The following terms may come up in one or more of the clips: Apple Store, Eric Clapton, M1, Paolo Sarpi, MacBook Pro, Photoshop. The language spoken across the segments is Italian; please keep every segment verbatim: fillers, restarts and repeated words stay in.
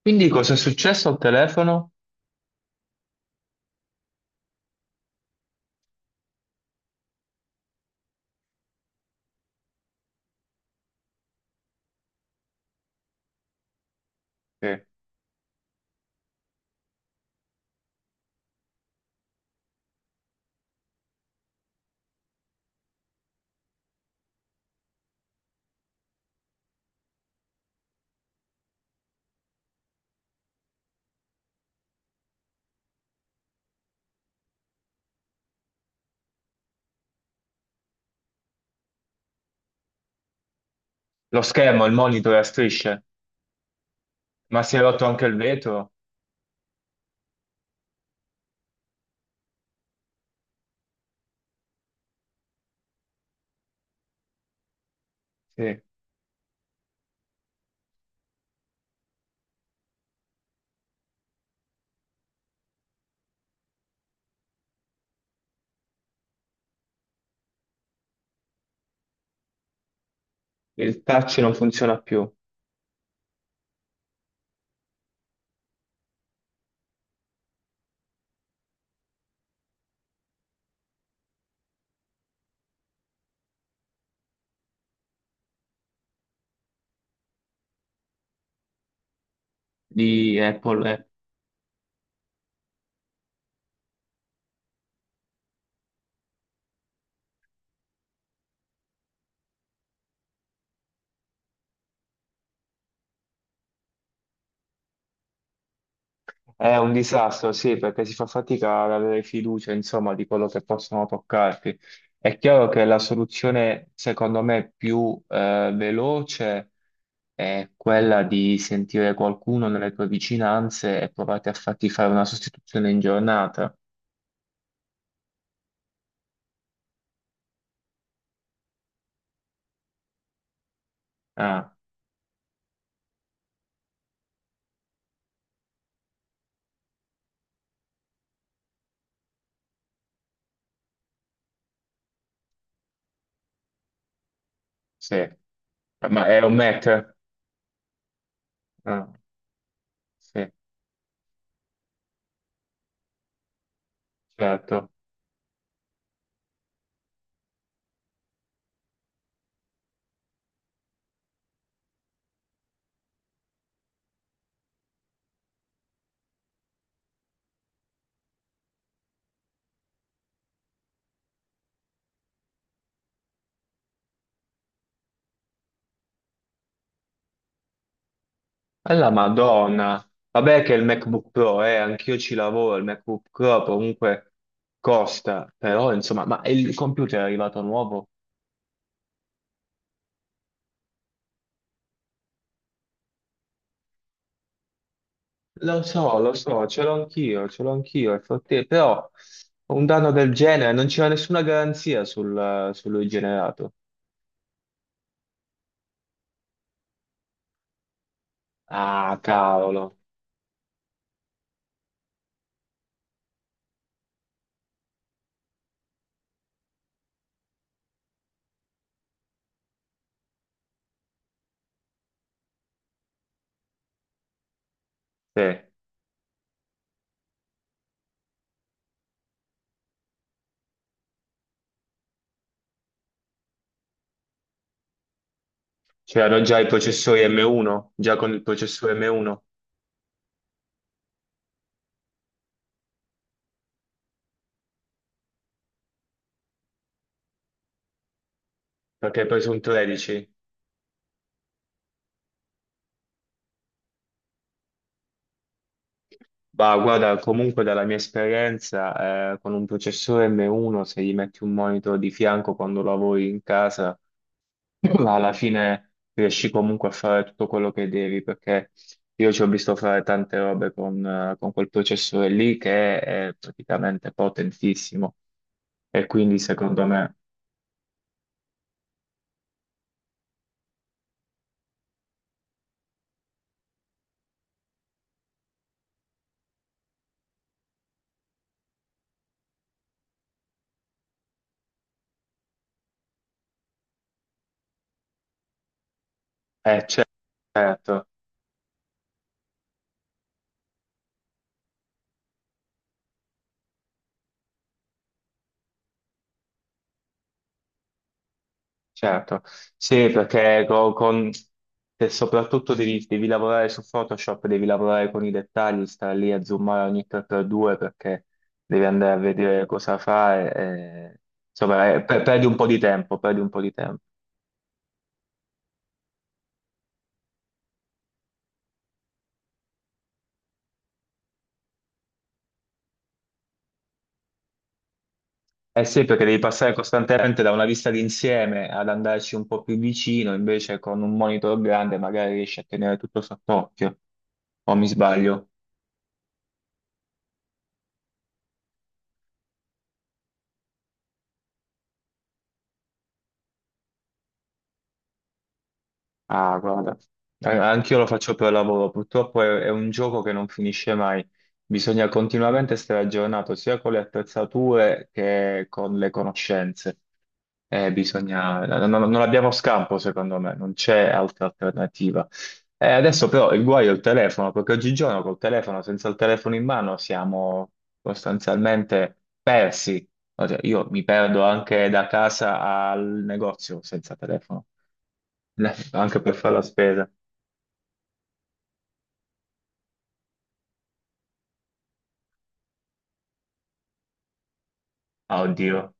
Quindi cosa è successo al telefono? Sì. Lo schermo, il monitor, la strisce, ma si è rotto anche il vetro? Sì. Il touch non funziona più di Apple. eh. È un disastro, sì, perché si fa fatica ad avere fiducia, insomma, di quello che possono toccarti. È chiaro che la soluzione, secondo me, più eh, veloce è quella di sentire qualcuno nelle tue vicinanze e provate a farti fare una sostituzione in giornata. Ah. Sì, ma è un Mac? Ah, sì, certo. Alla Madonna. Vabbè che il MacBook Pro, eh, anch'io ci lavoro, il MacBook Pro comunque costa, però insomma, ma il computer è arrivato nuovo? Lo so, lo so, ce l'ho anch'io, ce l'ho anch'io, è forte, però un danno del genere, non c'era nessuna garanzia sul, su lui generato. Ah, cavolo. Sì, c'erano già i processori M uno, già con il processore M uno, perché hai preso un tredici. Ma guarda, comunque dalla mia esperienza, eh, con un processore M uno, se gli metti un monitor di fianco quando lavori in casa, ma alla fine riesci comunque a fare tutto quello che devi, perché io ci ho visto fare tante robe con, eh, con quel processore lì che è praticamente potentissimo. E quindi secondo me, eh, certo. Certo, sì, perché co- con, se soprattutto devi, devi lavorare su Photoshop, devi lavorare con i dettagli, stare lì a zoomare ogni tre per due perché devi andare a vedere cosa fare, e, insomma, eh, per- perdi un po' di tempo, perdi un po' di tempo. Eh sì, perché devi passare costantemente da una vista d'insieme ad andarci un po' più vicino, invece con un monitor grande magari riesci a tenere tutto sott'occhio, o mi sbaglio? Ah, guarda. An- Anch'io lo faccio per lavoro, purtroppo è, è un gioco che non finisce mai, bisogna continuamente stare aggiornato sia con le attrezzature che con le conoscenze. Eh, bisogna- non, non- non abbiamo scampo, secondo me, non c'è altra alternativa. Eh, adesso però il guaio è il telefono, perché oggigiorno col telefono, senza il telefono in mano, siamo sostanzialmente persi. Cioè, io mi perdo anche da casa al negozio senza telefono. Le- Anche per fare la spesa. Ah, oddio.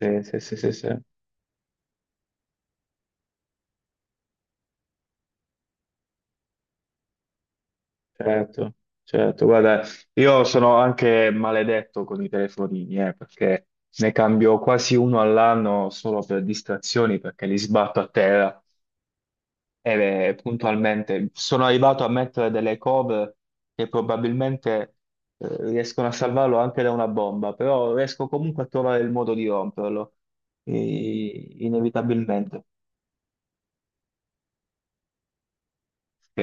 Sì, sì, sì, sì, sì. Certo, certo. Guarda, io sono anche maledetto con i telefonini, eh, perché ne cambio quasi uno all'anno solo per distrazioni, perché li sbatto a terra e eh, puntualmente sono arrivato a mettere delle cover che probabilmente eh, riescono a salvarlo anche da una bomba, però riesco comunque a trovare il modo di romperlo, eh, inevitabilmente. Sì.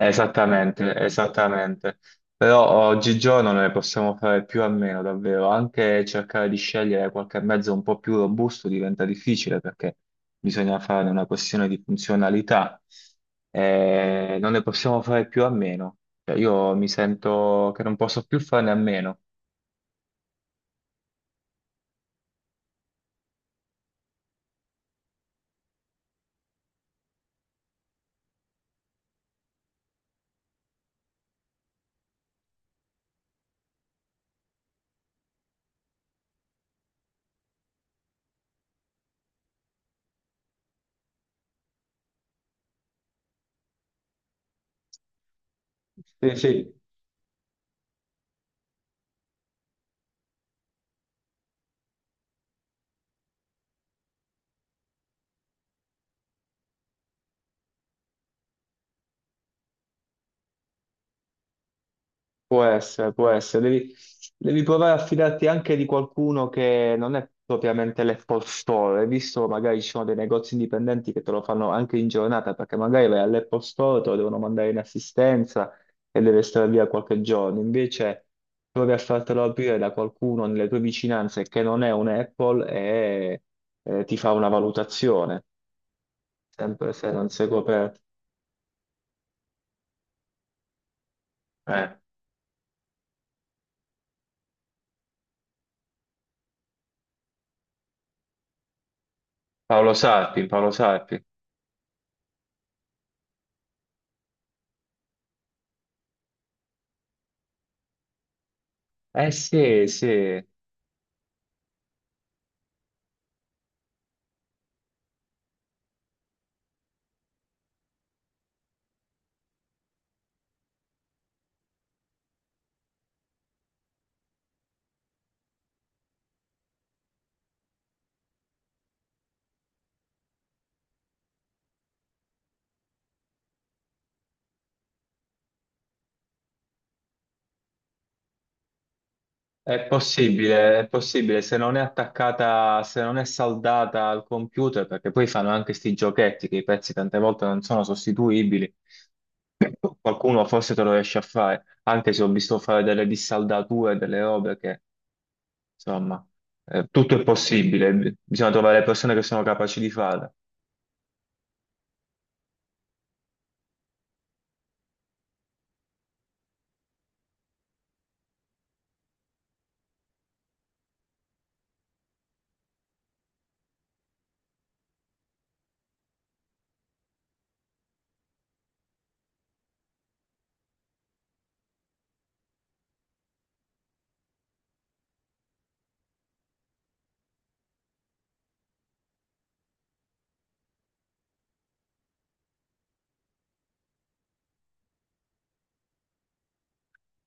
Esattamente, esattamente. Però oggigiorno non ne possiamo fare più a meno, davvero. Anche cercare di scegliere qualche mezzo un po' più robusto diventa difficile perché bisogna fare una questione di funzionalità. Eh, non ne possiamo fare più a meno. Cioè, io mi sento che non posso più farne a meno. Sì, sì, può essere, può essere. Devi, devi provare a fidarti anche di qualcuno che non è propriamente l'Apple Store. Hai visto, magari ci sono dei negozi indipendenti che te lo fanno anche in giornata, perché magari vai all'Apple Store, te lo devono mandare in assistenza e deve stare via qualche giorno. Invece provi a fartelo aprire da qualcuno nelle tue vicinanze che non è un Apple e eh, ti fa una valutazione, sempre se non sei coperto. Eh, Paolo Sarpi, Paolo Sarpi. Eh sì, sì. È possibile, è possibile, se non è attaccata, se non è saldata al computer, perché poi fanno anche sti giochetti che i pezzi tante volte non sono sostituibili, qualcuno forse te lo riesce a fare, anche se ho visto fare delle dissaldature, delle robe che, insomma, eh, tutto è possibile, bisogna trovare le persone che sono capaci di farlo.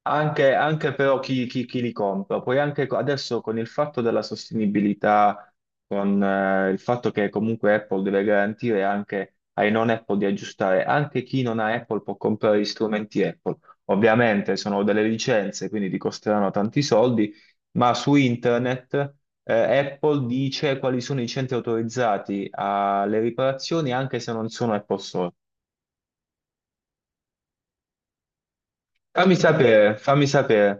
Anche, anche però chi, chi- chi li compra, poi anche co- adesso con il fatto della sostenibilità, con eh, il fatto che comunque Apple deve garantire anche ai non Apple di aggiustare, anche chi non ha Apple può comprare gli strumenti Apple. Ovviamente sono delle licenze, quindi ti costeranno tanti soldi, ma su internet eh, Apple dice quali sono i centri autorizzati alle riparazioni anche se non sono Apple Store. Fammi sapere, fammi sapere.